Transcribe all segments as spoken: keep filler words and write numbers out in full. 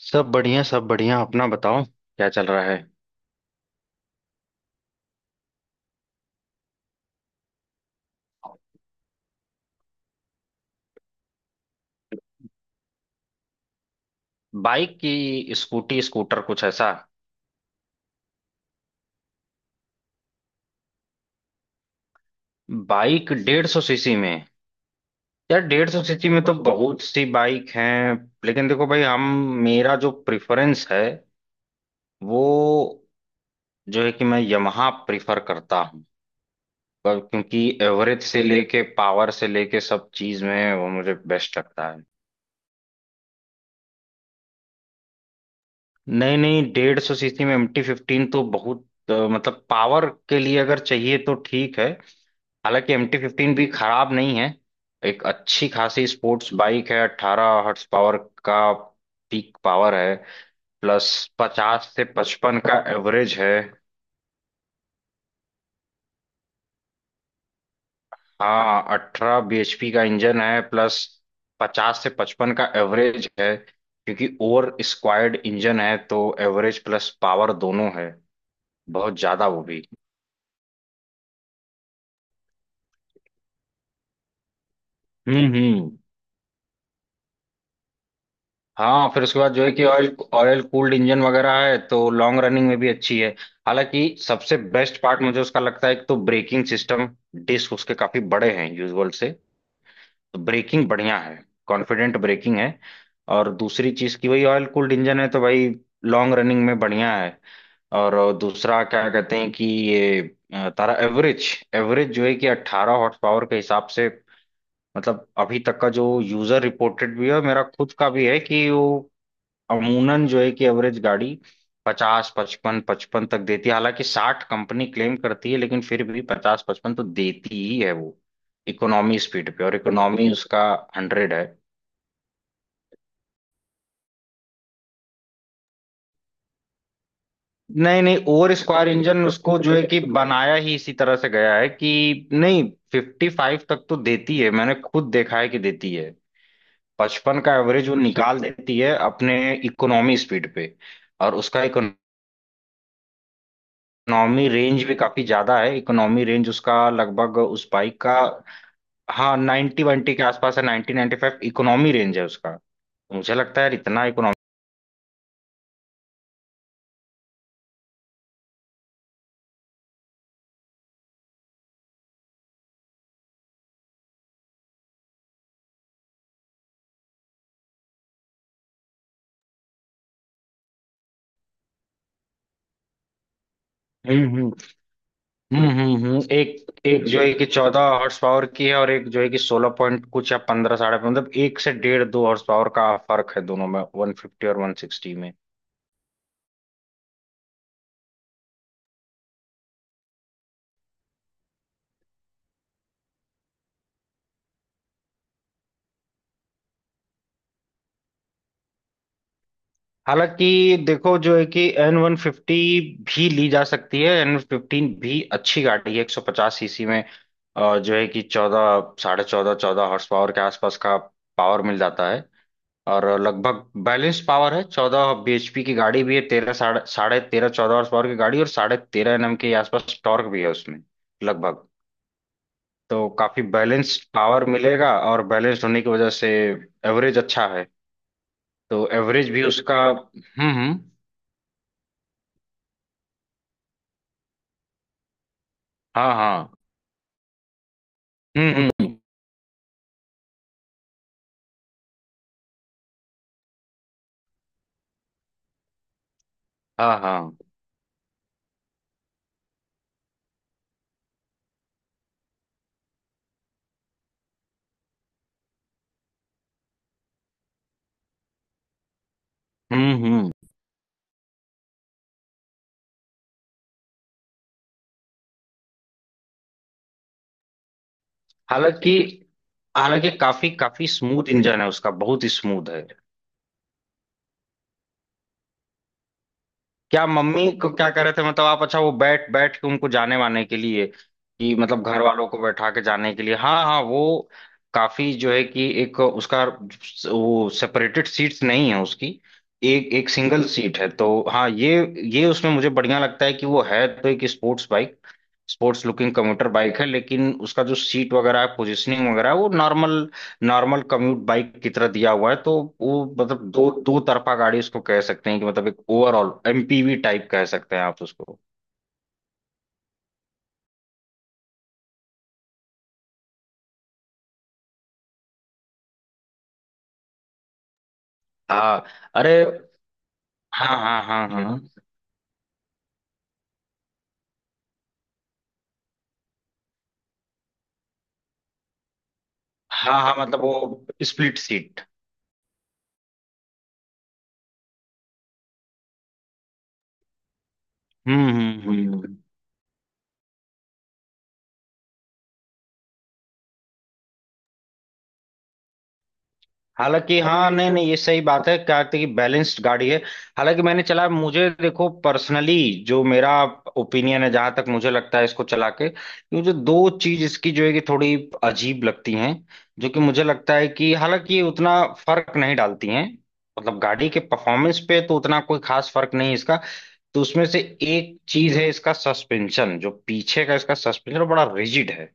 सब बढ़िया, सब बढ़िया। अपना बताओ क्या चल रहा है। बाइक की, स्कूटी, स्कूटर, कुछ ऐसा? बाइक डेढ़ सौ सीसी में? यार डेढ़ सौ सीसी में तो बहुत सी बाइक हैं, लेकिन देखो भाई, हम, मेरा जो प्रेफरेंस है वो जो है कि मैं यमहा प्रेफर करता हूँ, पर क्योंकि एवरेज से लेके पावर से लेके सब चीज में वो मुझे बेस्ट लगता है। नहीं नहीं, डेढ़ सौ सीसी में एम टी फिफ्टीन तो बहुत, अ, मतलब पावर के लिए अगर चाहिए तो ठीक है। हालांकि एम टी फिफ्टीन भी खराब नहीं है, एक अच्छी खासी स्पोर्ट्स बाइक है। अट्ठारह हॉर्स पावर का पीक पावर है। प्लस पचास से पचपन का एवरेज है। हाँ, अठारह bhp का इंजन है, प्लस पचास से पचपन का एवरेज है, क्योंकि ओवर स्क्वायर्ड इंजन है, तो एवरेज प्लस पावर दोनों है बहुत ज्यादा, वो भी। हम्म हम्म। हाँ फिर उसके बाद जो है कि ऑयल ऑयल कूल्ड इंजन वगैरह है, तो लॉन्ग रनिंग में भी अच्छी है। हालांकि सबसे बेस्ट पार्ट मुझे उसका लगता है, एक तो ब्रेकिंग सिस्टम, डिस्क उसके काफी बड़े हैं यूजुअल से, तो ब्रेकिंग बढ़िया है, कॉन्फिडेंट ब्रेकिंग है। और दूसरी चीज की वही ऑयल कूल्ड इंजन है, तो भाई लॉन्ग रनिंग में बढ़िया है। और दूसरा क्या कहते हैं कि ये, अ, तारा एवरेज, एवरेज जो है कि अठारह हॉर्स पावर के हिसाब से, मतलब अभी तक का जो यूजर रिपोर्टेड भी है, मेरा खुद का भी है कि वो अमूनन जो है कि एवरेज गाड़ी पचास पचपन पचपन तक देती है। हालांकि साठ कंपनी क्लेम करती है, लेकिन फिर भी पचास पचपन तो देती ही है वो, इकोनॉमी स्पीड पे। और इकोनॉमी उसका हंड्रेड है। नहीं नहीं, ओवर स्क्वायर इंजन उसको जो है कि बनाया ही इसी तरह से गया है कि नहीं, फिफ्टी फाइव तक तो देती है, मैंने खुद देखा है कि देती है। पचपन का एवरेज वो निकाल देती है अपने इकोनॉमी स्पीड पे। और उसका इकोनॉमी रेंज भी काफी ज्यादा है। इकोनॉमी रेंज उसका लगभग, उस बाइक का, हाँ नाइन्टी वाइन्टी के आसपास है, ninety ninety five economy range है उसका, तो मुझे लगता है यार इतना इकोनॉमी। हम्म हम्म। हम्म हम्म हम्म। एक एक जो है कि चौदह हॉर्स पावर की है, और एक जो है कि सोलह पॉइंट कुछ या पंद्रह, साढ़े पंद्रह, मतलब एक से डेढ़ दो हॉर्स पावर का फर्क है दोनों में, वन फिफ्टी और वन सिक्सटी में। हालांकि देखो जो है कि एन वन फिफ्टी भी ली जा सकती है, एन फिफ्टीन भी अच्छी गाड़ी है एक सौ पचास सीसी में। और जो है कि चौदह, साढ़े चौदह, चौदह हॉर्स पावर के आसपास का पावर मिल जाता है, और लगभग बैलेंस पावर है। चौदह bhp की गाड़ी भी है, तेरह, साढ़े साढ़े तेरह चौदह हॉर्स पावर की गाड़ी, और साढ़े तेरह एनएम के आसपास टॉर्क भी है उसमें, लगभग। तो काफी बैलेंस्ड पावर मिलेगा, और बैलेंस्ड होने की वजह से एवरेज अच्छा है, तो एवरेज भी उसका। हम्म हम्म। हाँ हाँ। हम्म हम्म, हाँ हाँ। हम्म हम्म। हालांकि, हालांकि काफी काफी स्मूथ इंजन है उसका, बहुत ही स्मूथ है। क्या मम्मी को क्या कह रहे थे, मतलब आप? अच्छा, वो बैठ बैठ के उनको जाने वाने के लिए, कि मतलब घर वालों को बैठा के जाने के लिए? हाँ हाँ, वो काफी जो है कि एक उसका, वो सेपरेटेड सीट्स नहीं है उसकी, एक एक सिंगल सीट है तो, हाँ ये ये उसमें मुझे बढ़िया लगता है कि वो है तो एक sports bike, sports looking commuter bike है, लेकिन उसका जो सीट वगैरह है, पोजिशनिंग वगैरह है, वो नॉर्मल, नॉर्मल कम्यूट बाइक की तरह दिया हुआ है। तो वो मतलब दो दो तरफा गाड़ी उसको कह सकते हैं, कि मतलब एक ओवरऑल एमपीवी टाइप कह सकते हैं आप उसको। हाँ, अरे हाँ हाँ हाँ हाँ, हाँ हाँ मतलब वो स्प्लिट सीट। हम्म हम्म हम्म। हालांकि, और हाँ, ये नहीं, सब नहीं, ये सही बात है, कार्तिक की बैलेंस्ड गाड़ी है। हालांकि मैंने चला, मुझे देखो पर्सनली, जो मेरा ओपिनियन है, जहां तक मुझे लगता है इसको चला के, कि मुझे दो चीज इसकी जो है कि थोड़ी अजीब लगती हैं। जो कि मुझे लगता है कि हालांकि ये उतना फर्क नहीं डालती हैं, मतलब गाड़ी के परफॉर्मेंस पे तो उतना कोई खास फर्क नहीं है इसका। तो उसमें से एक चीज है इसका सस्पेंशन, जो पीछे का इसका सस्पेंशन बड़ा रिजिड है।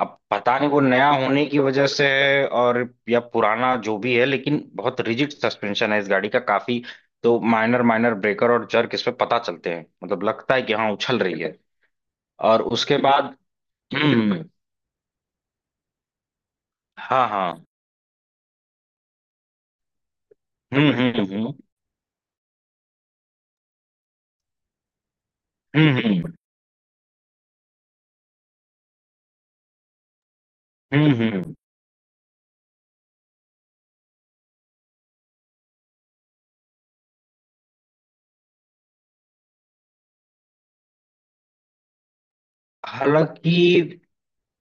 अब पता नहीं वो नया होने की वजह से है, और या पुराना जो भी है, लेकिन बहुत रिजिड सस्पेंशन है इस गाड़ी का, काफी। तो माइनर माइनर ब्रेकर और जर्क इस पे पता चलते हैं, मतलब लगता है कि हाँ उछल रही है। और उसके बाद, हम्म, हाँ हाँ। हम्म हम्म हम्म हम्म। हम्म हम्म। हम्म। हालांकि,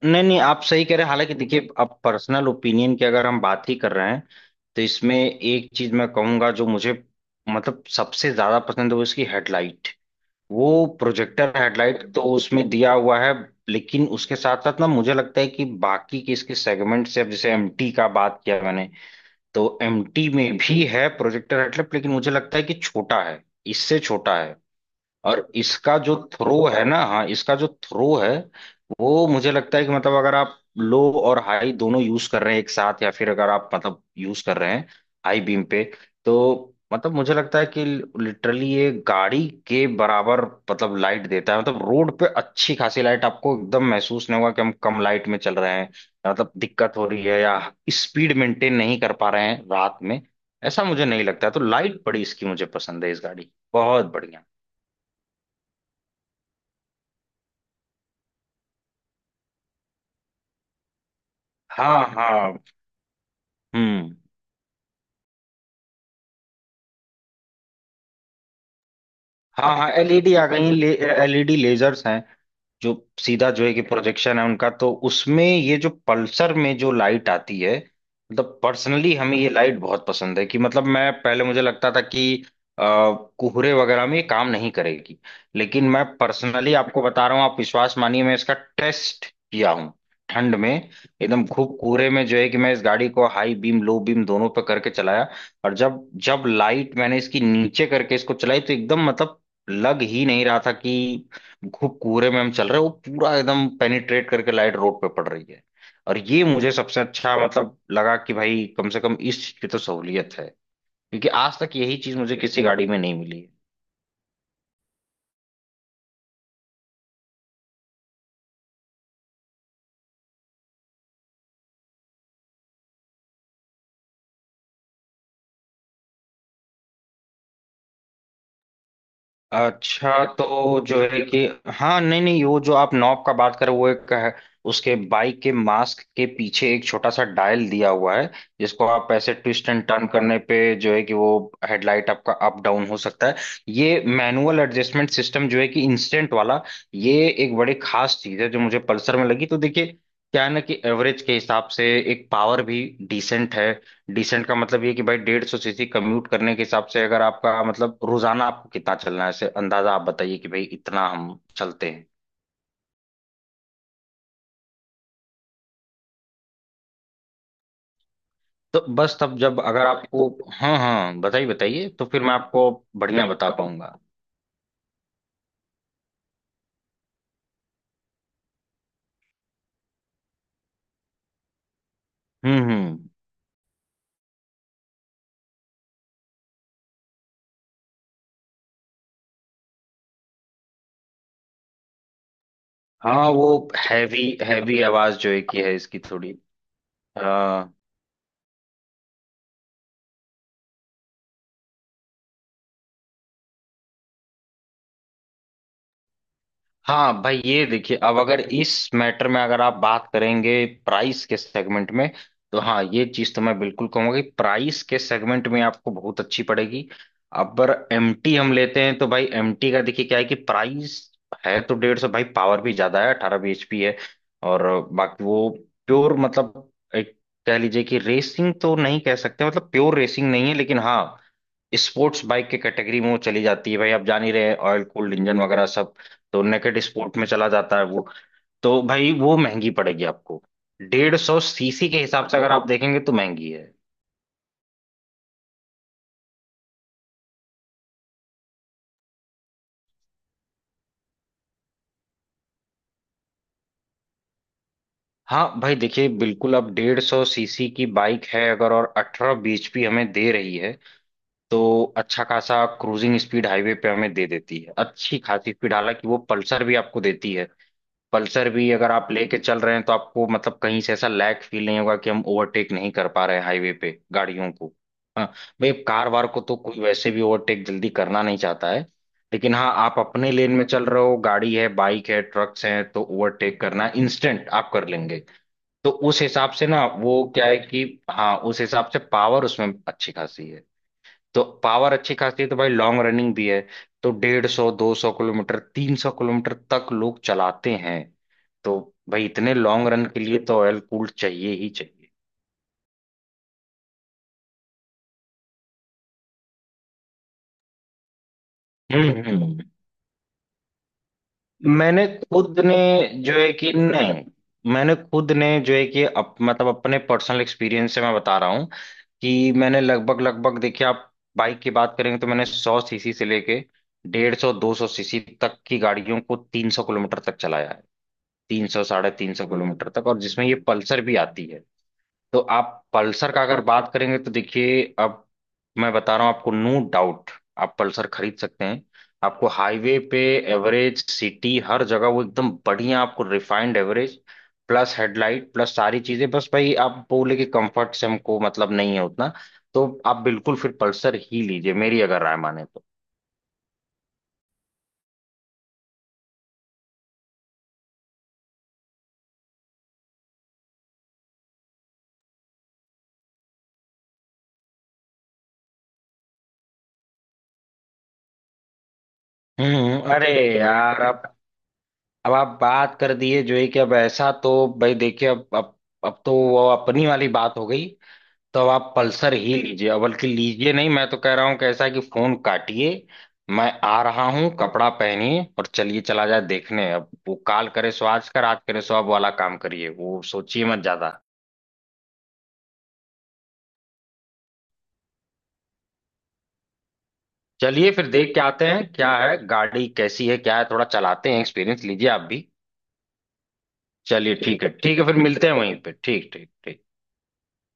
नहीं नहीं, आप सही कह रहे हैं। हालांकि देखिए, अब पर्सनल ओपिनियन की अगर हम बात ही कर रहे हैं तो इसमें एक चीज मैं कहूंगा जो मुझे, मतलब सबसे ज्यादा पसंद है, वो इसकी हेडलाइट, वो प्रोजेक्टर हेडलाइट तो उसमें दिया हुआ है। लेकिन उसके साथ साथ ना मुझे लगता है कि बाकी के इसके सेगमेंट से, अब जैसे एमटी का बात किया मैंने, तो एमटी में भी है प्रोजेक्टर हेडलाइट, लेकिन मुझे लगता है कि छोटा है, इससे छोटा है। और इसका जो थ्रो है ना, हाँ इसका जो थ्रो है वो मुझे लगता है कि, मतलब अगर आप लो और हाई दोनों यूज कर रहे हैं एक साथ, या फिर अगर आप मतलब यूज कर रहे हैं हाई बीम पे, तो मतलब मुझे लगता है कि लिटरली ये गाड़ी के बराबर, मतलब लाइट देता है, मतलब रोड पे अच्छी खासी लाइट। आपको एकदम महसूस नहीं होगा कि हम कम लाइट में चल रहे हैं, मतलब दिक्कत हो रही है या स्पीड मेंटेन नहीं कर पा रहे हैं रात में, ऐसा मुझे नहीं लगता है। तो लाइट बड़ी इसकी मुझे पसंद है इस गाड़ी की। बहुत बढ़िया। हाँ हाँ। हम्म, हाँ हाँ एलईडी आ गई। एलईडी लेजर्स हैं, जो सीधा जो है कि प्रोजेक्शन है उनका, तो उसमें ये जो पल्सर में जो लाइट आती है, मतलब पर्सनली हमें ये लाइट बहुत पसंद है। कि मतलब मैं पहले, मुझे लगता था कि अ, कोहरे वगैरह में ये काम नहीं करेगी, लेकिन मैं पर्सनली आपको बता रहा हूँ, आप विश्वास मानिए, मैं इसका टेस्ट किया हूँ ठंड में, एकदम खूब कोहरे में। जो है कि मैं इस गाड़ी को हाई बीम लो बीम दोनों पे करके चलाया, और जब, जब लाइट मैंने इसकी नीचे करके इसको चलाई तो एकदम मतलब लग ही नहीं रहा था कि खूब कोहरे में हम चल रहे हैं। वो पूरा एकदम पेनिट्रेट करके लाइट रोड पे पड़ रही है, और ये मुझे सबसे अच्छा मतलब लगा कि भाई कम से कम इस चीज की तो सहूलियत है, क्योंकि आज तक यही चीज मुझे किसी गाड़ी में नहीं मिली है। अच्छा, तो जो है कि, हाँ नहीं नहीं, वो जो आप नॉब का बात कर रहे हो, वो एक है, उसके बाइक के मास्क के पीछे एक छोटा सा डायल दिया हुआ है, जिसको आप ऐसे ट्विस्ट एंड टर्न करने पे जो है कि वो हेडलाइट आपका अप डाउन हो सकता है। ये मैनुअल एडजस्टमेंट सिस्टम जो है कि इंस्टेंट वाला, ये एक बड़ी खास चीज है जो मुझे पल्सर में लगी। तो देखिए, क्या है ना कि एवरेज के हिसाब से एक पावर भी डिसेंट है। डिसेंट का मतलब ये कि भाई डेढ़ सौ सीसी कम्यूट करने के हिसाब से, अगर आपका मतलब रोजाना आपको कितना चलना है, ऐसे अंदाजा आप बताइए कि भाई इतना हम चलते हैं, तो बस तब जब अगर आपको, हाँ हाँ बताइए बताइए तो फिर मैं आपको बढ़िया बता पाऊंगा। हम्म हम्म। हाँ वो हैवी हैवी आवाज जो है कि है इसकी थोड़ी। हाँ भाई ये देखिए, अब अगर इस मैटर में अगर आप बात करेंगे प्राइस के सेगमेंट में, तो हाँ, ये चीज तो मैं बिल्कुल कहूंगा कि प्राइस के सेगमेंट में आपको बहुत अच्छी पड़ेगी। अब एमटी हम लेते हैं तो भाई एमटी का देखिए क्या है कि प्राइस है तो डेढ़ सौ, भाई पावर भी ज्यादा है, अठारह bhp है, और बाकी वो प्योर मतलब एक, कह लीजिए कि रेसिंग तो नहीं कह सकते, मतलब प्योर रेसिंग नहीं है, लेकिन हाँ स्पोर्ट्स बाइक के कैटेगरी में वो चली जाती है। भाई आप जान ही रहे हैं ऑयल कूल्ड इंजन वगैरह सब, तो नेकेड स्पोर्ट में चला जाता है वो। तो भाई वो महंगी पड़ेगी आपको, डेढ़ सौ सीसी के हिसाब से अगर आप देखेंगे तो महंगी है। हाँ भाई देखिए बिल्कुल, अब डेढ़ सौ सीसी की बाइक है अगर, और अठारह bhp हमें दे रही है तो अच्छा खासा क्रूजिंग स्पीड हाईवे पे हमें दे देती है, अच्छी खासी स्पीड। हालांकि वो पल्सर भी आपको देती है, पल्सर भी अगर आप लेके चल रहे हैं तो आपको मतलब कहीं से ऐसा लैग फील नहीं होगा कि हम ओवरटेक नहीं कर पा रहे हैं हाईवे पे गाड़ियों को। हाँ, भाई कार वार को तो कोई वैसे भी ओवरटेक जल्दी करना नहीं चाहता है, लेकिन हाँ आप अपने लेन में चल रहे हो, गाड़ी है, बाइक है, ट्रक्स हैं, तो ओवरटेक करना इंस्टेंट आप कर लेंगे। तो उस हिसाब से ना वो क्या है कि, हाँ उस हिसाब से पावर उसमें अच्छी खासी है। तो पावर अच्छी खासी है, तो भाई लॉन्ग रनिंग भी है, तो डेढ़ सौ, दो सौ किलोमीटर, तीन सौ किलोमीटर तक लोग चलाते हैं। तो भाई इतने लॉन्ग रन के लिए तो ऑयल कूल्ड चाहिए ही चाहिए। हम्म हम्म। मैंने खुद ने जो है कि नहीं, मैंने खुद ने जो है कि अप, मतलब अपने पर्सनल एक्सपीरियंस से मैं बता रहा हूँ कि मैंने लगभग लगभग, देखिए आप बाइक की बात करेंगे तो मैंने सौ सीसी से लेके डेढ़ सौ दो सौ सीसी तक की गाड़ियों को तीन सौ किलोमीटर तक चलाया है, तीन सौ, साढ़े तीन सौ किलोमीटर तक, और जिसमें ये पल्सर भी आती है। तो आप पल्सर का अगर बात करेंगे तो देखिए, अब मैं बता रहा हूँ आपको, नो डाउट आप पल्सर खरीद सकते हैं। आपको हाईवे पे, एवरेज, सिटी, हर जगह वो एकदम बढ़िया आपको refined average, plus headlight, plus सारी चीजें। बस भाई आप बोले कि कंफर्ट से हमको मतलब नहीं है उतना, तो आप बिल्कुल फिर पल्सर ही लीजिए, मेरी अगर राय माने तो। हम्म, अरे यार, अब अब आप बात कर दिए जो है कि अब ऐसा तो, भाई देखिए, अब अब अब तो वो अपनी वाली बात हो गई, तो अब आप पल्सर ही लीजिए, और बल्कि लीजिए नहीं, मैं तो कह रहा हूँ कि ऐसा है कि फोन काटिए, मैं आ रहा हूँ, कपड़ा पहनिए और चलिए, चला जाए देखने। अब वो काल करे सो आज, का रात करे सो अब वाला काम करिए, वो सोचिए मत ज्यादा। चलिए, फिर देख के आते हैं क्या है गाड़ी, कैसी है क्या है, थोड़ा चलाते हैं, एक्सपीरियंस लीजिए आप भी। चलिए ठीक है, ठीक है, फिर मिलते हैं वहीं पे, ठीक ठीक ठीक।